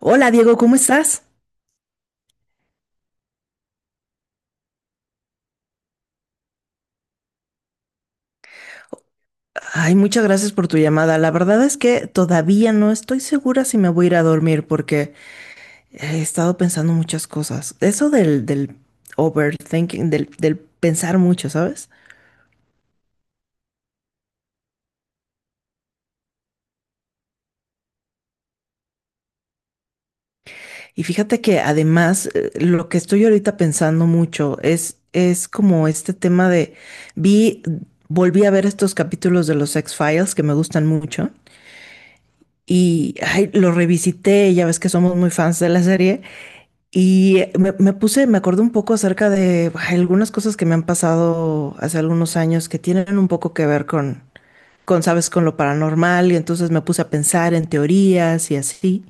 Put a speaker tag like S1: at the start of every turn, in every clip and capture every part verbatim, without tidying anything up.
S1: Hola Diego, ¿cómo estás? Ay, muchas gracias por tu llamada. La verdad es que todavía no estoy segura si me voy a ir a dormir porque he estado pensando muchas cosas. Eso del, del overthinking, del, del pensar mucho, ¿sabes? Y fíjate que además eh, lo que estoy ahorita pensando mucho es, es como este tema de, vi, volví a ver estos capítulos de los X-Files que me gustan mucho. Y ay, lo revisité, ya ves que somos muy fans de la serie, y eh, me, me puse, me acordé un poco acerca de ay, algunas cosas que me han pasado hace algunos años que tienen un poco que ver con, con, sabes, con lo paranormal, y entonces me puse a pensar en teorías y así.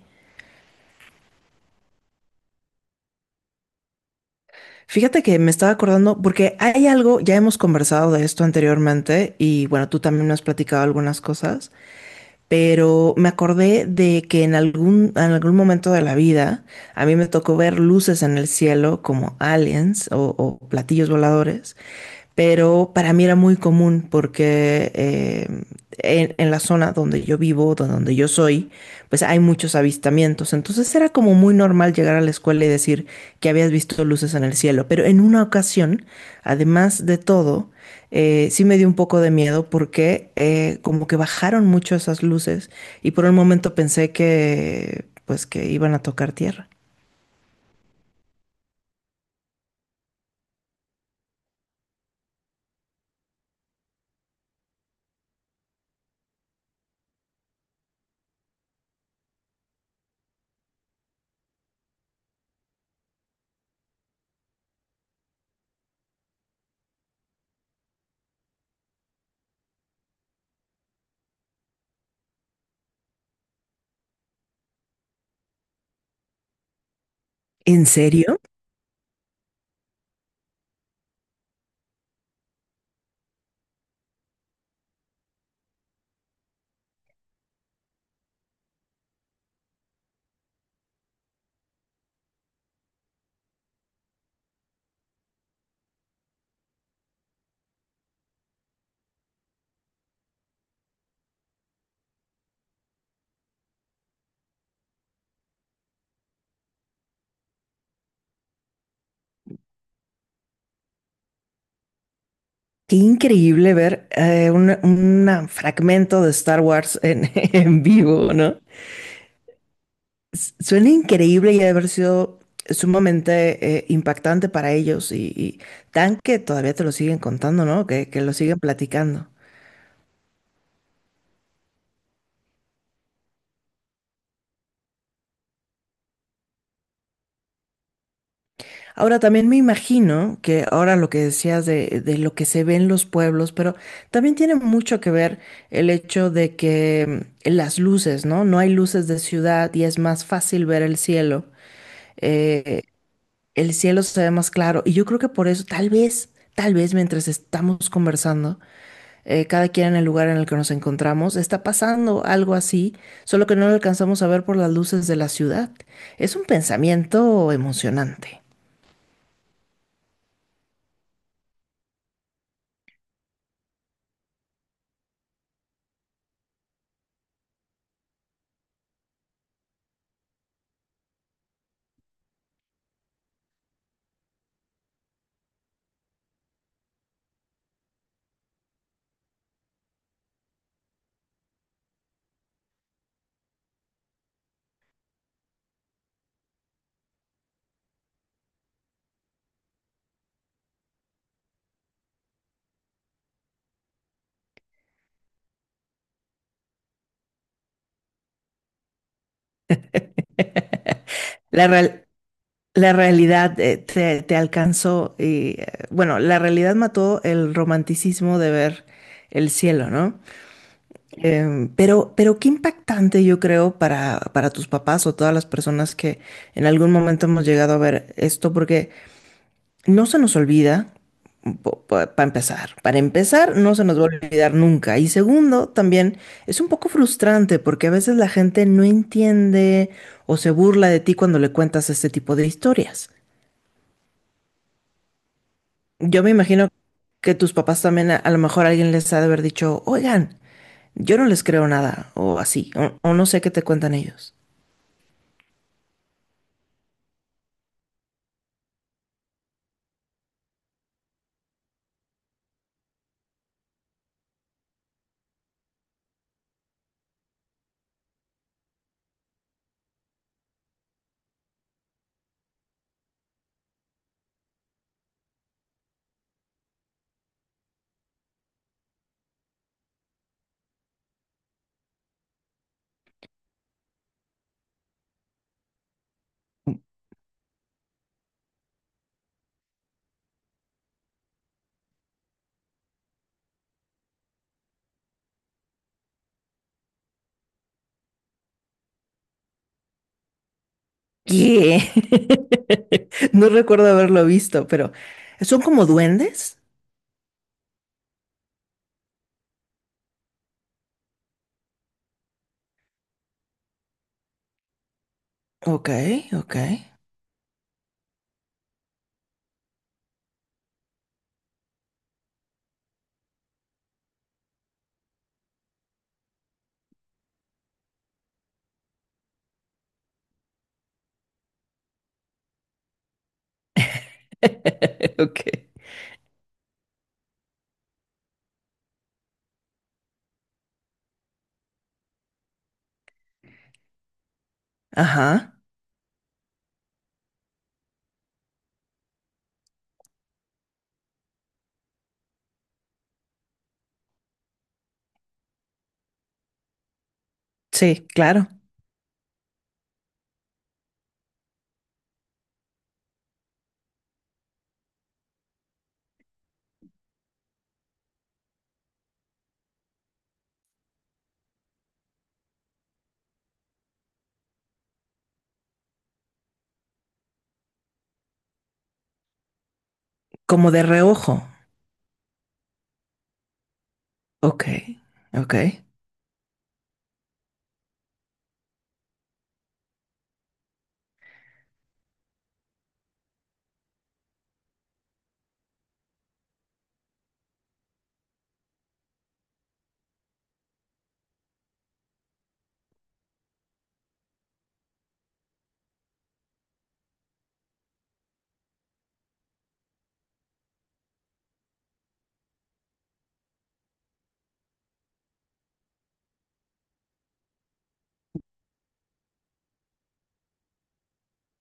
S1: Fíjate que me estaba acordando, porque hay algo, ya hemos conversado de esto anteriormente, y bueno, tú también me has platicado algunas cosas. Pero me acordé de que en algún, en algún momento de la vida a mí me tocó ver luces en el cielo como aliens o, o platillos voladores, pero para mí era muy común porque eh, en, en la zona donde yo vivo, do- donde yo soy, pues hay muchos avistamientos. Entonces era como muy normal llegar a la escuela y decir que habías visto luces en el cielo. Pero en una ocasión, además de todo, eh, sí me dio un poco de miedo porque eh, como que bajaron mucho esas luces y por un momento pensé que pues que iban a tocar tierra. ¿En serio? Qué increíble ver eh, una- un una fragmento de Star Wars en, en vivo, ¿no? S- Suena increíble y ha de haber sido sumamente eh, impactante para ellos y, y tan que todavía te lo siguen contando, ¿no? Que, que lo siguen platicando. Ahora también me imagino que ahora lo que decías de, de lo que se ve en los pueblos, pero también tiene mucho que ver el hecho de que mm, las luces, ¿no? No hay luces de ciudad y es más fácil ver el cielo. Eh, el cielo se ve más claro. Y yo creo que por eso, tal vez, tal vez mientras estamos conversando, eh, cada quien en el lugar en el que nos encontramos, está pasando algo así, solo que no lo alcanzamos a ver por las luces de la ciudad. Es un pensamiento emocionante. La real- la realidad eh, te, te alcanzó y, eh, bueno, la realidad mató el romanticismo de ver el cielo, ¿no? Em, pero, pero qué impactante yo creo para, para tus papás o todas las personas que en algún momento hemos llegado a ver esto, porque no se nos olvida, para empezar, para empezar, no se nos va a olvidar nunca. Y segundo, también es un poco frustrante porque a veces la gente no entiende o se burla de ti cuando le cuentas este tipo de historias. Yo me imagino que tus papás también a, a lo mejor alguien les ha de haber dicho, oigan, yo no les creo nada o así, o o no sé qué te cuentan ellos. ¿Qué? No recuerdo haberlo visto, pero son como duendes. Ok, ok. Ok. Ajá. Sí, claro. Como de reojo. Ok, ok.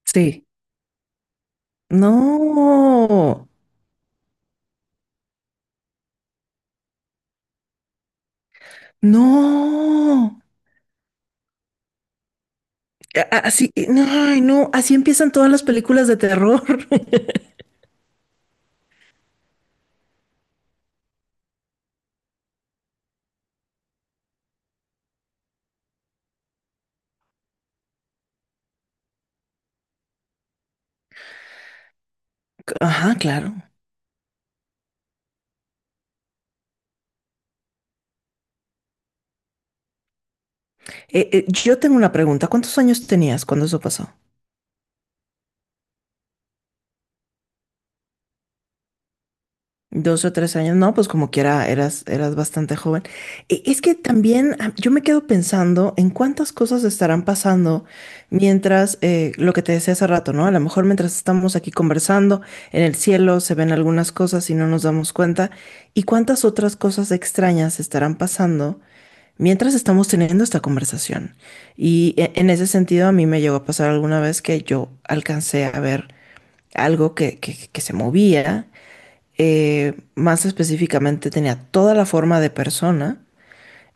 S1: Sí. No, no. A- a- Así, no, ay, no, así empiezan todas las películas de terror. Ajá, claro. Eh, eh, yo tengo una pregunta. ¿Cuántos años tenías cuando eso pasó? Dos o tres años, no, pues como quiera, eras, eras bastante joven. E- Es que también ah, yo me quedo pensando en cuántas cosas estarán pasando mientras, eh, lo que te decía hace rato, ¿no? A lo mejor mientras estamos aquí conversando, en el cielo se ven algunas cosas y no nos damos cuenta, y cuántas otras cosas extrañas estarán pasando mientras estamos teniendo esta conversación. Y e- en ese sentido, a mí me llegó a pasar alguna vez que yo alcancé a ver algo que, que, que se movía, eh, más específicamente tenía toda la forma de persona,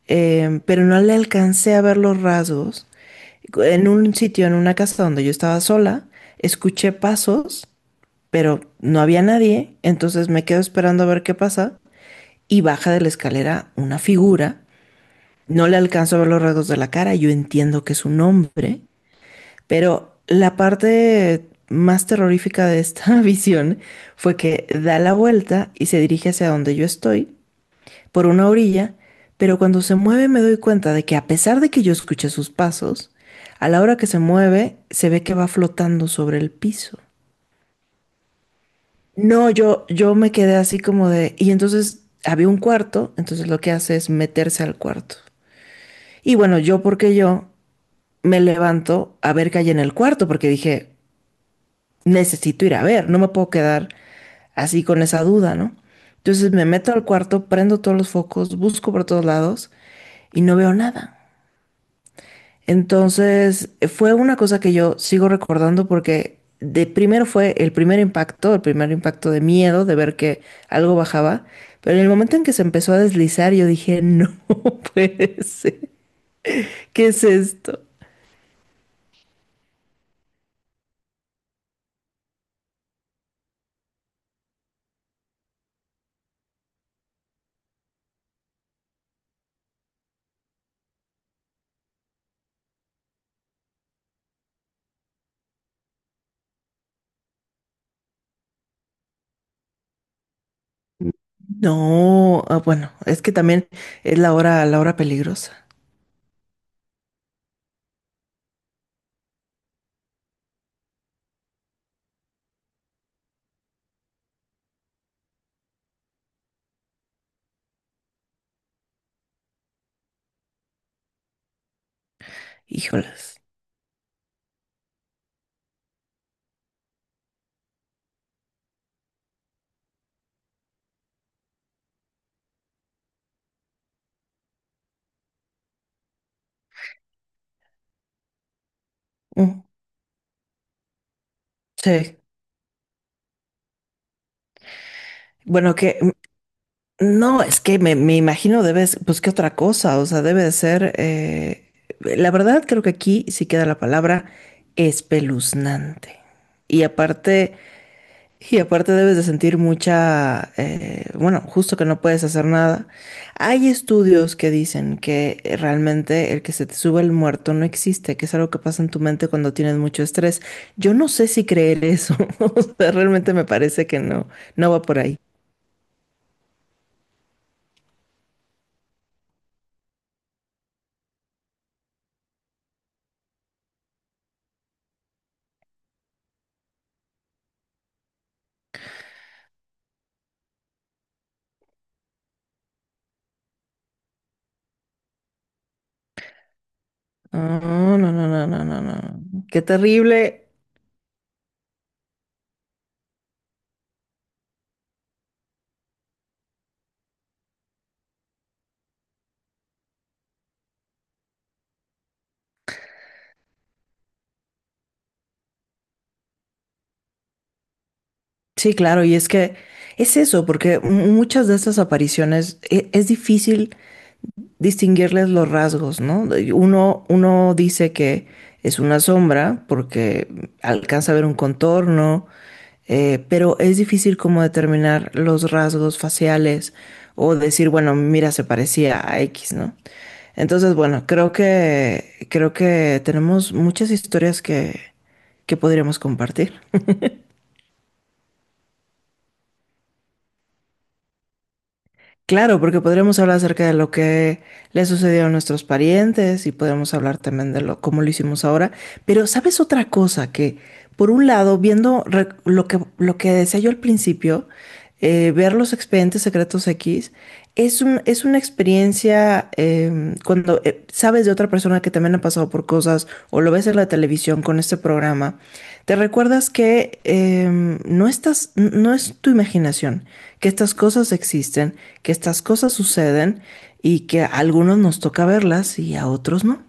S1: eh, pero no le alcancé a ver los rasgos. En un sitio, en una casa donde yo estaba sola, escuché pasos, pero no había nadie, entonces me quedo esperando a ver qué pasa y baja de la escalera una figura. No le alcanzo a ver los rasgos de la cara, yo entiendo que es un hombre, pero la parte más terrorífica de esta visión fue que da la vuelta y se dirige hacia donde yo estoy, por una orilla, pero cuando se mueve me doy cuenta de que a pesar de que yo escuché sus pasos, a la hora que se mueve se ve que va flotando sobre el piso. No, yo, yo me quedé así como de... Y entonces había un cuarto, entonces lo que hace es meterse al cuarto. Y bueno, yo porque yo me levanto a ver qué hay en el cuarto, porque dije, necesito ir a ver, no me puedo quedar así con esa duda, ¿no? Entonces me meto al cuarto, prendo todos los focos, busco por todos lados y no veo nada. Entonces eh, fue una cosa que yo sigo recordando porque de primero fue el primer impacto, el primer impacto de miedo de ver que algo bajaba, pero en el momento en que se empezó a deslizar yo dije, no puede ser, ¿qué es esto? No, ah, bueno, es que también es la hora, la hora peligrosa. Híjoles. Mm, sí. Bueno, que mm, no, es que me, me imagino debes, pues qué otra cosa, o sea, debe de ser, eh, la verdad creo que aquí sí queda la palabra espeluznante. Y aparte, y aparte debes de sentir mucha, eh, bueno, justo que no puedes hacer nada. Hay estudios que dicen que eh, realmente el que se te sube el muerto no existe, que es algo que pasa en tu mente cuando tienes mucho estrés. Yo no sé si creer eso, o sea, realmente me parece que no, no va por ahí. Ah, no, no, no, no, no, no. Qué terrible. Sí, claro, y es que es eso, porque mu- muchas de estas apariciones e- es difícil distinguirles los rasgos, ¿no? Uno, uno dice que es una sombra porque alcanza a ver un contorno, eh, pero es difícil como determinar los rasgos faciales o decir, bueno, mira, se parecía a X, ¿no? Entonces, bueno, creo que, creo que tenemos muchas historias que, que podríamos compartir. Claro, porque podríamos hablar acerca de lo que le sucedió a nuestros parientes y podríamos hablar también de lo cómo lo hicimos ahora. Pero, ¿sabes otra cosa? Que, por un lado, viendo re- lo que, lo que decía yo al principio, eh, ver los expedientes secretos X, es un- es una experiencia em, cuando eh, sabes de otra persona que también ha pasado por cosas o lo ves en la televisión con este programa, te recuerdas que em, no estás, n- no es tu imaginación, que estas cosas existen, que estas cosas suceden y que a algunos nos toca verlas y a otros no.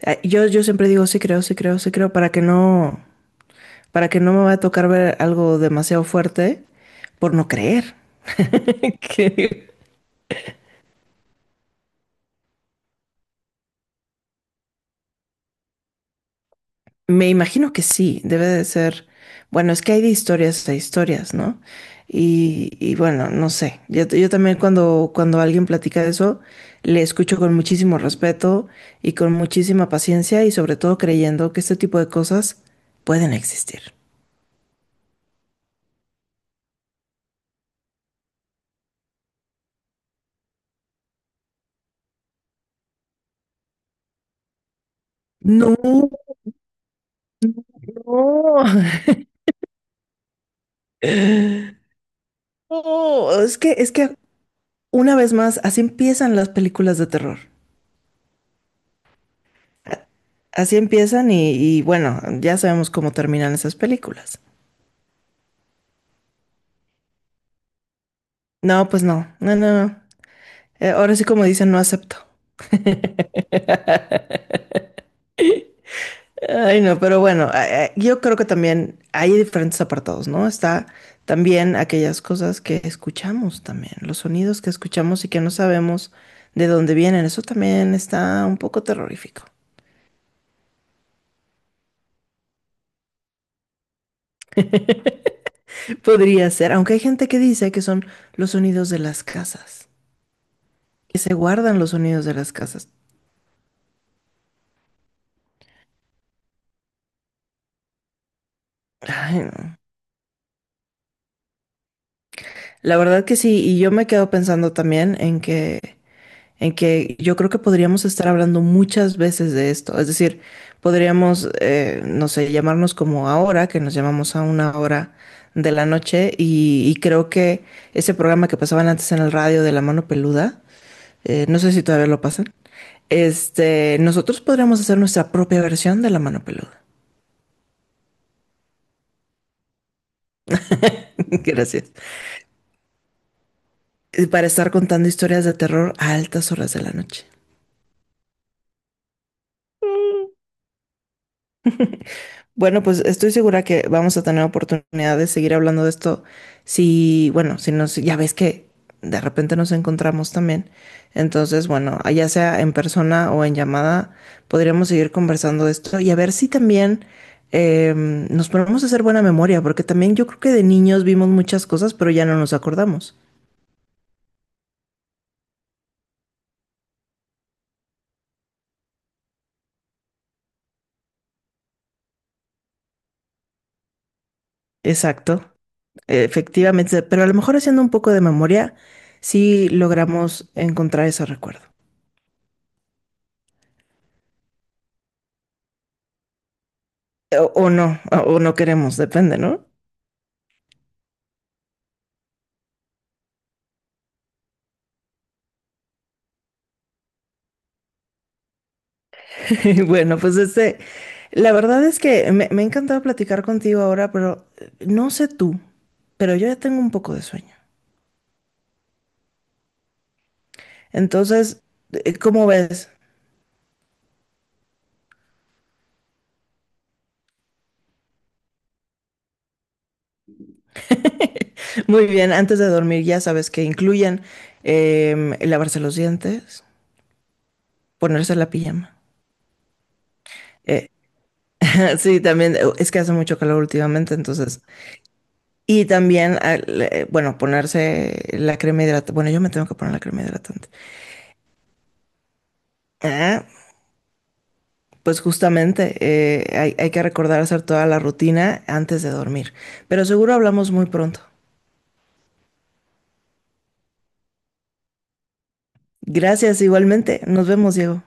S1: Eh, Yo, yo siempre digo sí creo, sí creo, sí creo para que no, para que no me vaya a tocar ver algo demasiado fuerte por no creer. Que me imagino que sí, debe de ser. Bueno, es que hay de historias a historias, ¿no? Y, y bueno, no sé. Yo, yo también cuando, cuando alguien platica de eso, le escucho con muchísimo respeto y con muchísima paciencia y sobre todo creyendo que este tipo de cosas pueden existir. No, no. No, es que, es que una vez más, así empiezan las películas de terror. Así empiezan y, y bueno, ya sabemos cómo terminan esas películas. No, pues no, no, no, no. Eh, ahora sí, como dicen, no acepto. Ay, no, pero bueno, a- a- yo creo que también hay diferentes apartados, ¿no? Está también aquellas cosas que escuchamos también, los sonidos que escuchamos y que no sabemos de dónde vienen. Eso también está un poco terrorífico. Podría ser, aunque hay gente que dice que son los sonidos de las casas, que se guardan los sonidos de las casas. Ay, no. La verdad que sí, y yo me quedo pensando también en que en que yo creo que podríamos estar hablando muchas veces de esto. Es decir, podríamos, eh, no sé, llamarnos como ahora, que nos llamamos a una hora de la noche y, y creo que ese programa que pasaban antes en el radio de La Mano Peluda, eh, no sé si todavía lo pasan, este, nosotros podríamos hacer nuestra propia versión de La Mano Peluda. Gracias. Eh, Para estar contando historias de terror a altas horas de la noche. Bueno, pues estoy segura que vamos a tener oportunidad de seguir hablando de esto. Si, bueno, si nos, ya ves que de repente nos encontramos también. Entonces, bueno, ya sea en persona o en llamada, podríamos seguir conversando de esto y a ver si también eh, nos ponemos a hacer buena memoria, porque también yo creo que de niños vimos muchas cosas, pero ya no nos acordamos. Exacto, efectivamente. Pero a lo mejor haciendo un poco de memoria, sí logramos encontrar ese recuerdo. O, o no, o o no queremos, depende, ¿no? Bueno, pues este, la verdad es que me, me ha encantado platicar contigo ahora, pero eh, no sé tú, pero yo ya tengo un poco de sueño. Entonces, eh, ¿cómo ves? Muy bien, antes de dormir ya sabes que incluyen em, lavarse los dientes, ponerse la pijama. Eh, sí, también, eh, es que hace mucho calor últimamente, entonces. Y también, al- eh, bueno, ponerse la crema hidratante. Bueno, yo me tengo que poner la crema hidratante. Ah, pues justamente, eh, hay, hay que recordar hacer toda la rutina antes de dormir. Pero seguro hablamos muy pronto. Gracias igualmente. Nos vemos, Diego.